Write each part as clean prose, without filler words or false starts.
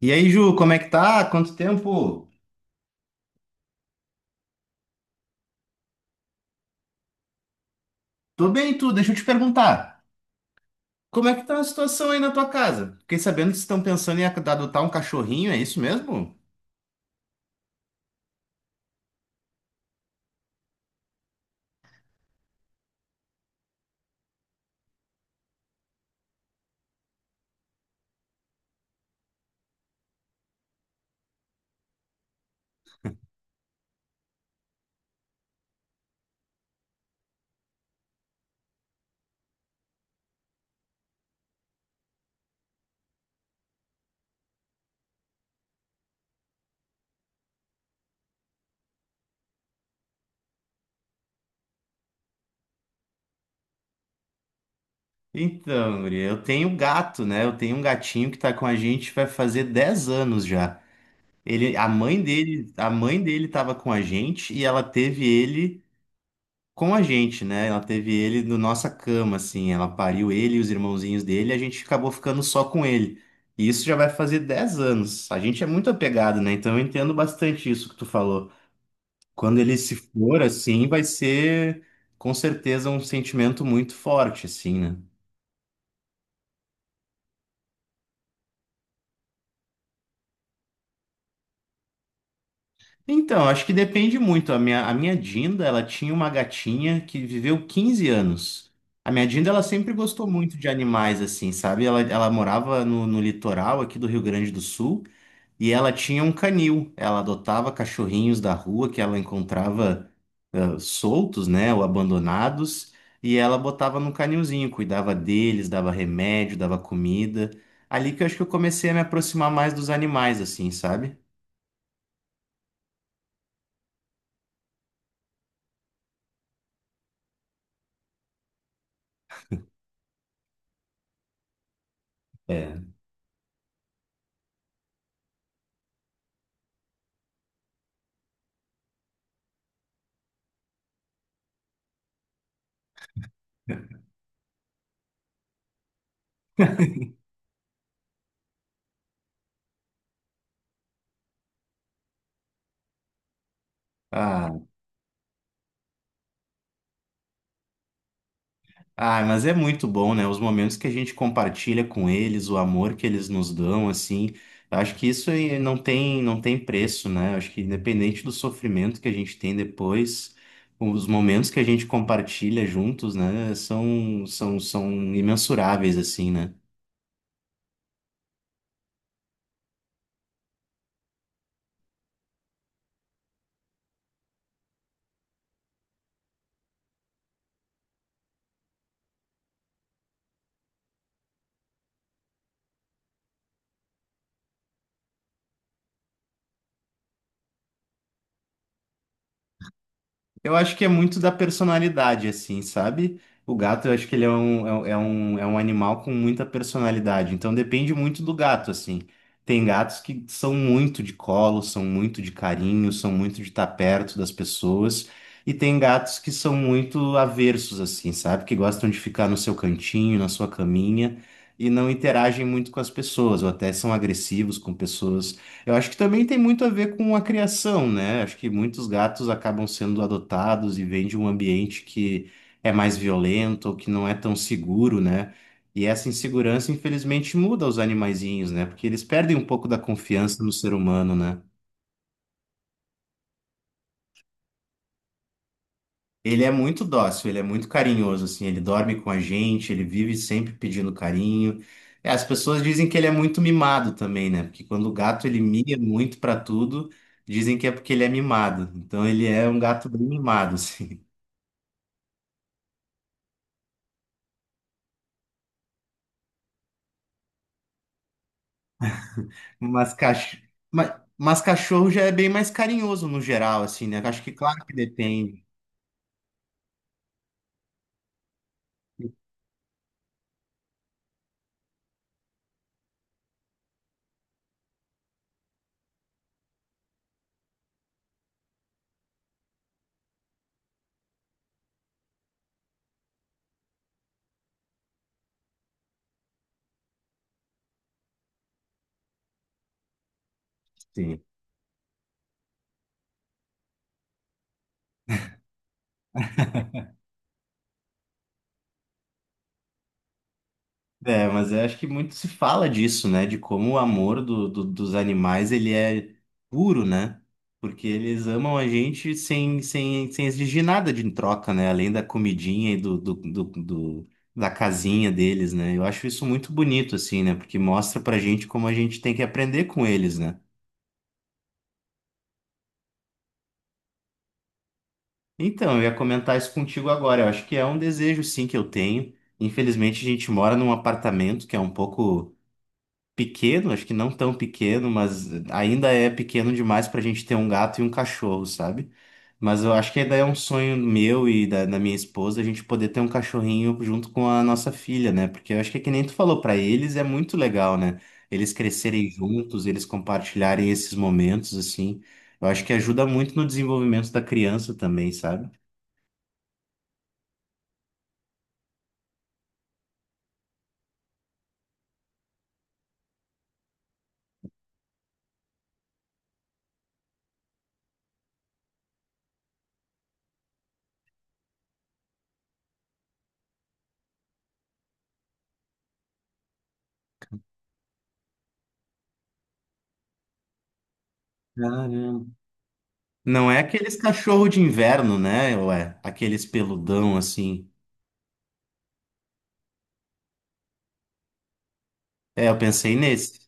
E aí, Ju, como é que tá? Quanto tempo? Tô bem, tu. Deixa eu te perguntar. Como é que tá a situação aí na tua casa? Fiquei sabendo que vocês estão pensando em adotar um cachorrinho, é isso mesmo? Então, guria, eu tenho gato, né? Eu tenho um gatinho que tá com a gente, vai fazer 10 anos já. Ele, a mãe dele tava com a gente e ela teve ele com a gente, né? Ela teve ele na nossa cama, assim. Ela pariu ele e os irmãozinhos dele, e a gente acabou ficando só com ele. E isso já vai fazer 10 anos. A gente é muito apegado, né? Então eu entendo bastante isso que tu falou. Quando ele se for, assim, vai ser com certeza um sentimento muito forte, assim, né? Então, acho que depende muito. A minha Dinda, ela tinha uma gatinha que viveu 15 anos. A minha Dinda, ela sempre gostou muito de animais, assim, sabe? Ela morava no litoral aqui do Rio Grande do Sul e ela tinha um canil. Ela adotava cachorrinhos da rua que ela encontrava ah, soltos, né, ou abandonados, e ela botava no canilzinho, cuidava deles, dava remédio, dava comida. Ali que eu acho que eu comecei a me aproximar mais dos animais, assim, sabe? É. Ah, Ah, mas é muito bom, né? Os momentos que a gente compartilha com eles, o amor que eles nos dão, assim, eu acho que isso aí não tem preço, né? Eu acho que independente do sofrimento que a gente tem depois, os momentos que a gente compartilha juntos, né, são imensuráveis, assim, né? Eu acho que é muito da personalidade, assim, sabe? O gato, eu acho que ele é um, é um, é um é um animal com muita personalidade. Então depende muito do gato, assim. Tem gatos que são muito de colo, são muito de carinho, são muito de estar perto das pessoas. E tem gatos que são muito aversos, assim, sabe? Que gostam de ficar no seu cantinho, na sua caminha, e não interagem muito com as pessoas, ou até são agressivos com pessoas. Eu acho que também tem muito a ver com a criação, né? Acho que muitos gatos acabam sendo adotados e vêm de um ambiente que é mais violento ou que não é tão seguro, né? E essa insegurança, infelizmente, muda os animaizinhos, né? Porque eles perdem um pouco da confiança no ser humano, né? Ele é muito dócil, ele é muito carinhoso, assim, ele dorme com a gente, ele vive sempre pedindo carinho. É, as pessoas dizem que ele é muito mimado também, né? Porque quando o gato ele mia muito pra tudo, dizem que é porque ele é mimado. Então ele é um gato bem mimado, assim. Mas, cach... mas, mas cachorro já é bem mais carinhoso no geral, assim, né? Acho que claro que depende. Sim. É, mas eu acho que muito se fala disso, né? De como o amor dos animais, ele é puro, né? Porque eles amam a gente sem exigir nada de em troca, né? Além da comidinha e do, do, do, do- da casinha deles, né? Eu acho isso muito bonito, assim, né? Porque mostra pra gente como a gente tem que aprender com eles, né? Então, eu ia comentar isso contigo agora. Eu acho que é um desejo, sim, que eu tenho. Infelizmente, a gente mora num apartamento que é um pouco pequeno, acho que não tão pequeno, mas ainda é pequeno demais para a gente ter um gato e um cachorro, sabe? Mas eu acho que ainda é um sonho meu e da minha esposa a gente poder ter um cachorrinho junto com a nossa filha, né? Porque eu acho que, é que nem tu falou, para eles é muito legal, né? Eles crescerem juntos, eles compartilharem esses momentos, assim. Eu acho que ajuda muito no desenvolvimento da criança também, sabe? Caramba. Não é aqueles cachorro de inverno, né? Ué, aqueles peludão assim. É, eu pensei nesse.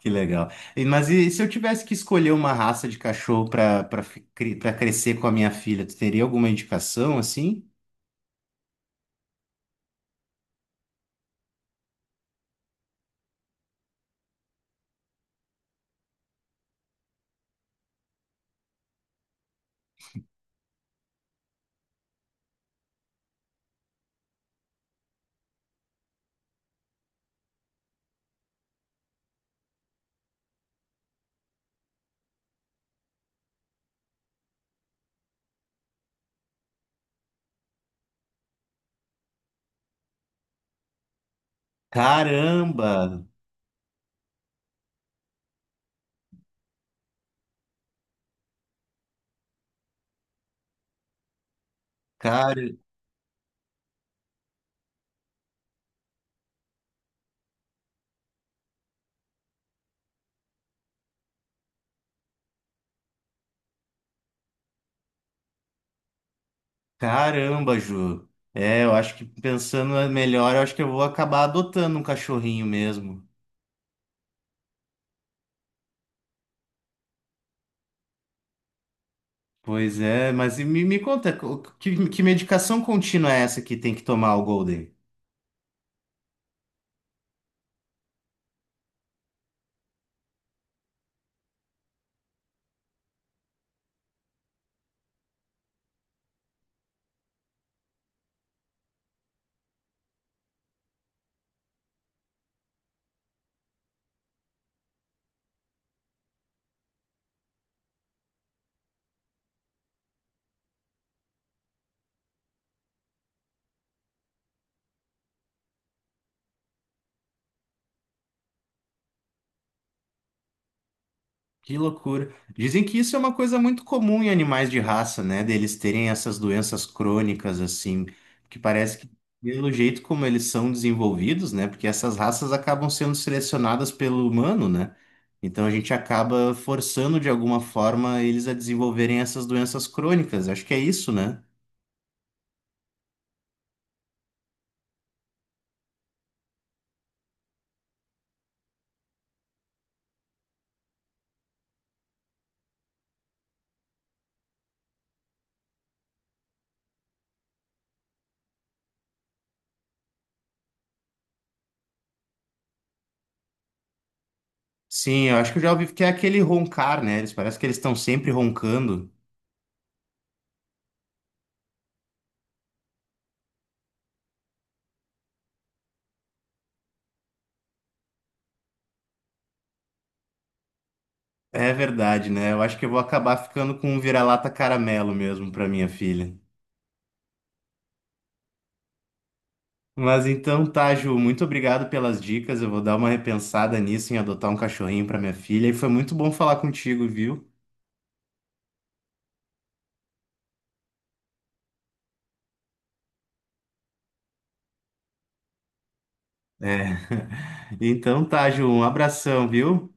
Que legal. Mas e se eu tivesse que escolher uma raça de cachorro para crescer com a minha filha, tu teria alguma indicação assim? Caramba! Car... Caramba, Ju. É, eu acho que pensando melhor, eu acho que eu vou acabar adotando um cachorrinho mesmo. Pois é, mas e me conta, que medicação contínua é essa que tem que tomar o Golden? Que loucura. Dizem que isso é uma coisa muito comum em animais de raça, né? Deles terem essas doenças crônicas, assim, que parece que, pelo jeito como eles são desenvolvidos, né? Porque essas raças acabam sendo selecionadas pelo humano, né? Então a gente acaba forçando de alguma forma eles a desenvolverem essas doenças crônicas. Acho que é isso, né? Sim, eu acho que eu já ouvi que é aquele roncar, né? Eles parece que eles estão sempre roncando. É verdade, né? Eu acho que eu vou acabar ficando com um vira-lata caramelo mesmo para minha filha. Mas então tá, Ju, muito obrigado pelas dicas. Eu vou dar uma repensada nisso em adotar um cachorrinho para minha filha. E foi muito bom falar contigo, viu? É. Então tá, Ju, um abração, viu?